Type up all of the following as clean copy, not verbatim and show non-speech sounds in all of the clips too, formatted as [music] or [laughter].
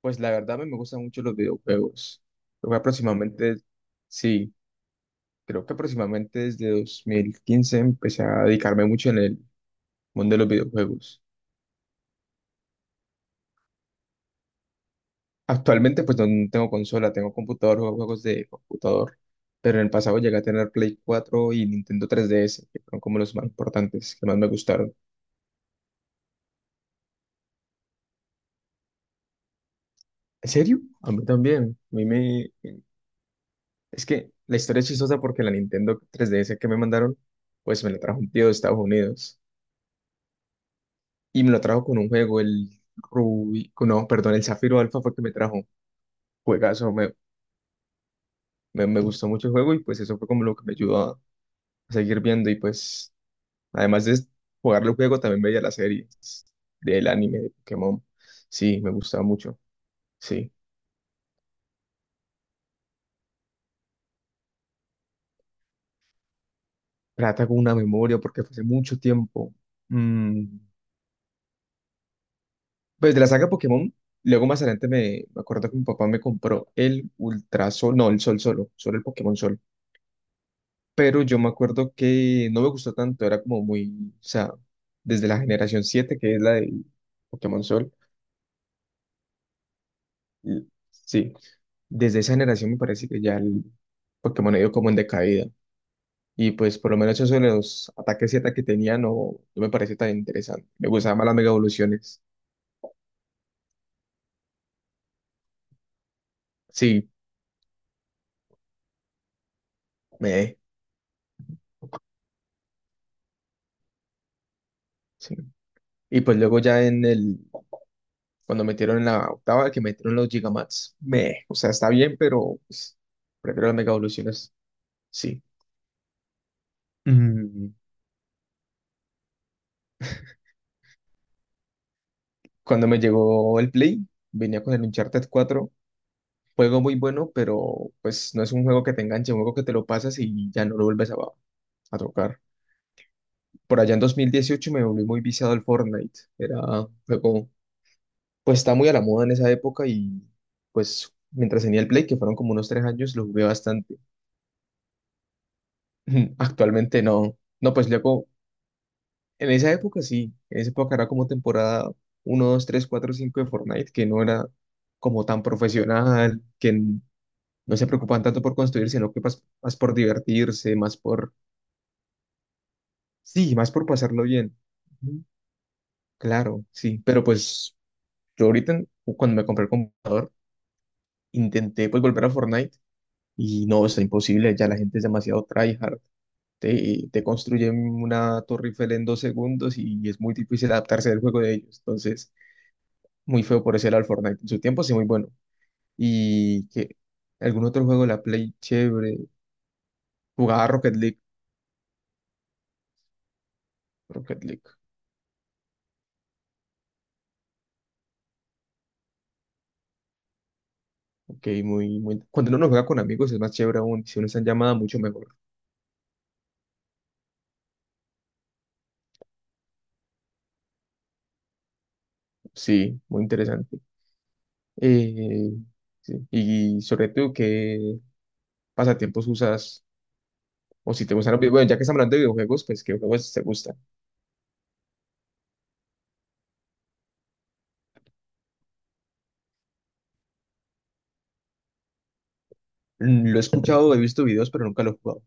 Pues la verdad a mí me gustan mucho los videojuegos. Creo que aproximadamente, sí, creo que aproximadamente desde 2015 empecé a dedicarme mucho en el mundo de los videojuegos. Actualmente pues no tengo consola, tengo computador, juego juegos de computador, pero en el pasado llegué a tener Play 4 y Nintendo 3DS, que fueron como los más importantes, que más me gustaron. ¿En serio? A mí también. A mí me... Es que la historia es chistosa porque la Nintendo 3DS que me mandaron, pues me la trajo un tío de Estados Unidos, y me lo trajo con un juego, el Rubí, no, perdón, el Zafiro Alfa fue el que me trajo. Juegazo, me gustó mucho el juego y pues eso fue como lo que me ayudó a seguir viendo y pues además de jugar el juego también veía las series del anime de Pokémon. Sí, me gustaba mucho, sí. Trata con una memoria porque fue hace mucho tiempo. Mm, Pues de la saga Pokémon, luego más adelante me acuerdo que mi papá me compró el Ultra Sol, no, el Sol Solo, solo el Pokémon Sol. Pero yo me acuerdo que no me gustó tanto, era como muy, o sea, desde la generación 7 que es la de Pokémon Sol, sí, desde esa generación me parece que ya el Pokémon ha ido como en decaída. Y pues por lo menos eso de los ataques Z que tenía no me parece tan interesante. Me gustaban más las mega evoluciones. Sí, me, sí. Y pues luego ya cuando metieron en la octava, que metieron los Gigamax, o sea, está bien, pero pues, prefiero las mega evoluciones, sí. Mm, Cuando me llegó el Play, venía con el Uncharted 4 juego muy bueno, pero pues no es un juego que te enganche, un juego que te lo pasas y ya no lo vuelves a tocar. Por allá en 2018 me volví muy viciado al Fortnite, era un juego, pues está muy a la moda en esa época y pues mientras tenía el Play, que fueron como unos 3 años, lo jugué bastante. [laughs] Actualmente no, no, pues luego, en esa época sí, en esa época era como temporada uno 2 3 4 5 de Fortnite, que no era como tan profesional, que no se preocupan tanto por construir, sino que más, por divertirse, más por, sí, más por pasarlo bien. Ujú. Claro, sí, pero pues yo ahorita, cuando me compré el computador, intenté pues volver a Fortnite y no, está imposible, ya la gente es demasiado tryhard. Te construyen una torre Eiffel en 2 segundos y es muy difícil adaptarse al juego de ellos. Entonces, muy feo por ese lado el Fortnite. En su tiempo sí, muy bueno. Y que algún otro juego de la Play chévere. Jugaba Rocket League. Rocket League. Ok, muy, muy. Cuando uno no juega con amigos es más chévere aún. Si uno está en llamada, mucho mejor. Sí, muy interesante. Eh, sí. Y sobre todo, ¿qué pasatiempos usas? O si te gustan los videojuegos, bueno, ya que estamos hablando de videojuegos, pues ¿qué juegos te gustan? Lo he escuchado, he visto videos, pero nunca lo he jugado.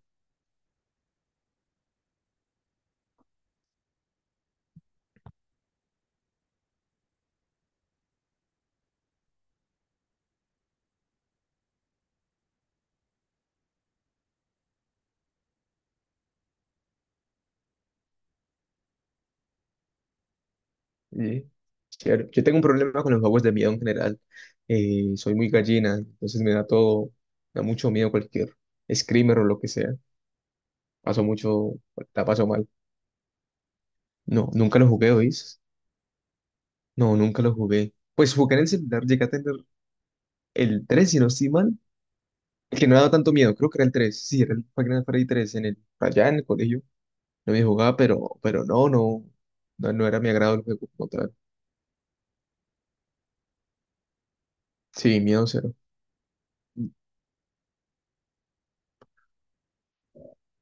Sí, chévere. Yo tengo un problema con los juegos de miedo en general. Soy muy gallina, entonces me da todo, me da mucho miedo cualquier screamer o lo que sea. Paso mucho, la paso mal. No, nunca lo jugué, hoy. No, nunca lo jugué. Pues jugué en el celular, llegué a tener el 3 si no estoy mal. El que no me daba tanto miedo, creo que era el tres. Sí, era el Final Freddy 3 allá en el colegio. No me jugaba, pero no era mi agrado el juego como tal. Sí, miedo cero.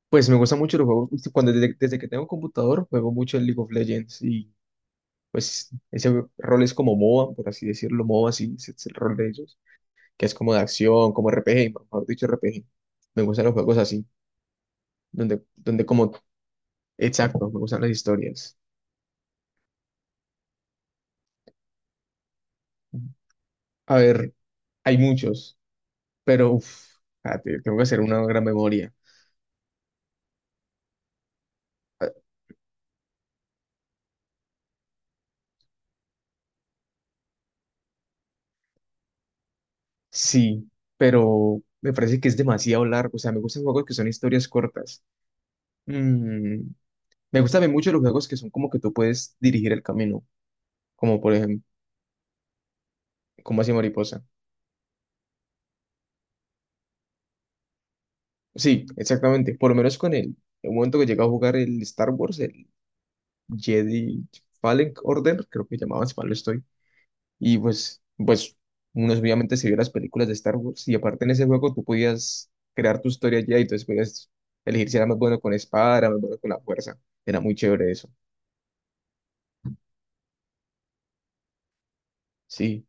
Pues me gustan mucho los juegos. Desde que tengo computador, juego mucho en League of Legends y pues ese rol es como MOBA, por así decirlo, MOBA, sí, ese es el rol de ellos, que es como de acción, como RPG, mejor dicho, RPG. Me gustan los juegos así. Donde, donde como Exacto, me gustan las historias. A ver, hay muchos, pero uf, espérate, tengo que hacer una gran memoria. Ah, sí, pero me parece que es demasiado largo. O sea, me gustan juegos que son historias cortas. Mm, me gustan también mucho los juegos que son como que tú puedes dirigir el camino, como por ejemplo, como así Mariposa. Sí, exactamente. Por lo menos con el momento que llegué a jugar el Star Wars, el Jedi Fallen Order, creo que llamaban, si mal no estoy. Y pues uno obviamente se vio las películas de Star Wars y aparte en ese juego tú podías crear tu historia ya y entonces podías elegir si era más bueno con espada, era más bueno con la fuerza. Era muy chévere eso. Sí,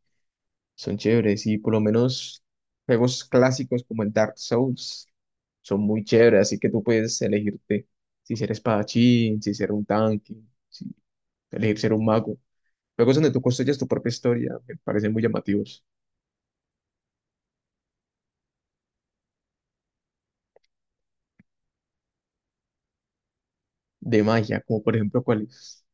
son chéveres y por lo menos juegos clásicos como el Dark Souls son muy chéveres, así que tú puedes elegirte si ser espadachín, si ser un tanque, si elegir ser un mago. Juegos donde tú construyes tu propia historia, me parecen muy llamativos. De magia, como por ejemplo, ¿cuáles?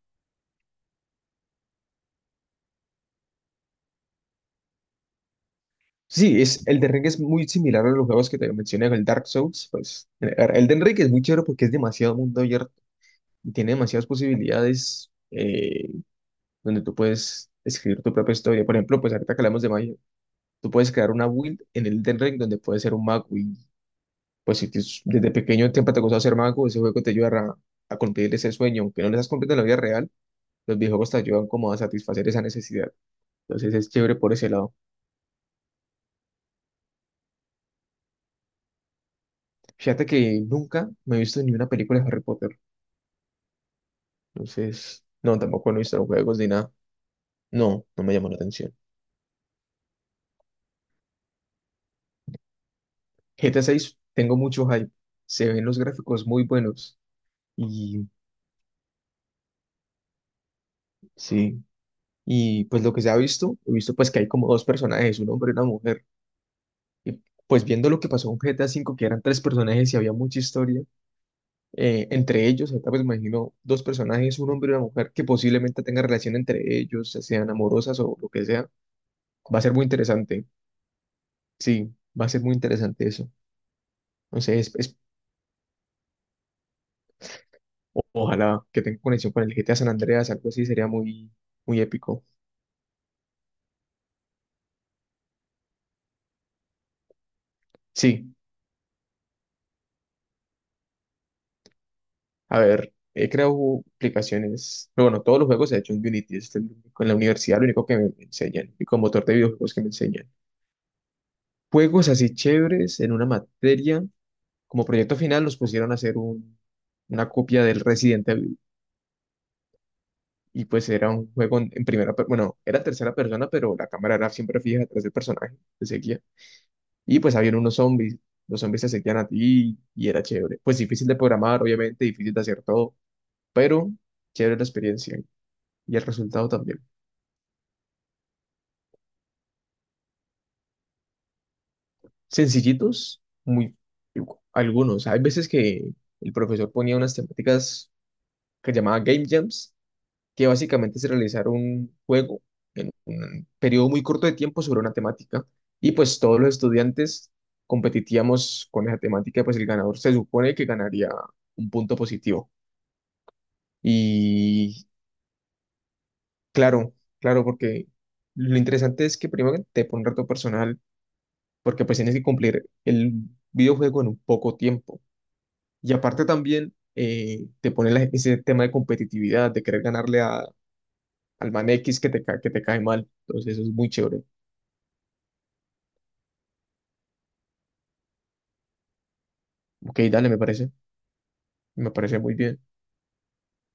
Sí, es, el de Ring es muy similar a los juegos que te mencioné, el Dark Souls. Pues, el de Ring es muy chévere porque es demasiado mundo abierto y tiene demasiadas posibilidades donde tú puedes escribir tu propia historia. Por ejemplo, pues ahorita que hablamos de magia, tú puedes crear una build en el Elden Ring donde puedes ser un mago y pues si desde pequeño tiempo te ha gustado ser mago, ese juego te ayudará a cumplir ese sueño. Aunque no lo estás cumpliendo en la vida real, los videojuegos te ayudan como a satisfacer esa necesidad. Entonces es chévere por ese lado. Fíjate que nunca me he visto ni una película de Harry Potter. Entonces, no, tampoco no he visto los juegos ni nada. No, no me llamó la atención. GTA 6, tengo mucho hype. Se ven los gráficos muy buenos. Y sí, y pues lo que se ha visto, he visto pues que hay como dos personajes, un hombre y una mujer. Y pues viendo lo que pasó con GTA 5, que eran tres personajes y había mucha historia, entre ellos, ahorita pues me imagino dos personajes, un hombre y una mujer, que posiblemente tengan relación entre ellos, ya sean amorosas o lo que sea. Va a ser muy interesante. Sí, va a ser muy interesante eso. Entonces, ojalá que tenga conexión con el GTA San Andreas, algo así sería muy, muy épico. Sí, a ver, he creado aplicaciones, pero bueno, todos los juegos se han hecho en Unity, en la universidad lo único que me enseñan, y con motor de videojuegos que me enseñan. Juegos así chéveres en una materia, como proyecto final nos pusieron a hacer un, una copia del Resident Evil, y pues era un juego en primera, bueno, era tercera persona, pero la cámara era siempre fija detrás del personaje, te seguía. Y pues habían unos zombies. Los zombies se seguían a ti y era chévere. Pues difícil de programar, obviamente, difícil de hacer todo, pero chévere la experiencia y el resultado también. Sencillitos, muy algunos. Hay veces que el profesor ponía unas temáticas que llamaba Game Jams, que básicamente es realizar un juego en un periodo muy corto de tiempo sobre una temática. Y pues todos los estudiantes competíamos con esa temática, pues el ganador se supone que ganaría un punto positivo. Y claro, claro, porque lo interesante es que primero que te pone un reto personal, porque pues tienes que cumplir el videojuego en un poco tiempo. Y aparte también te pone ese tema de competitividad, de querer ganarle al man X que que te cae mal. Entonces eso es muy chévere. Ok, dale, me parece muy bien.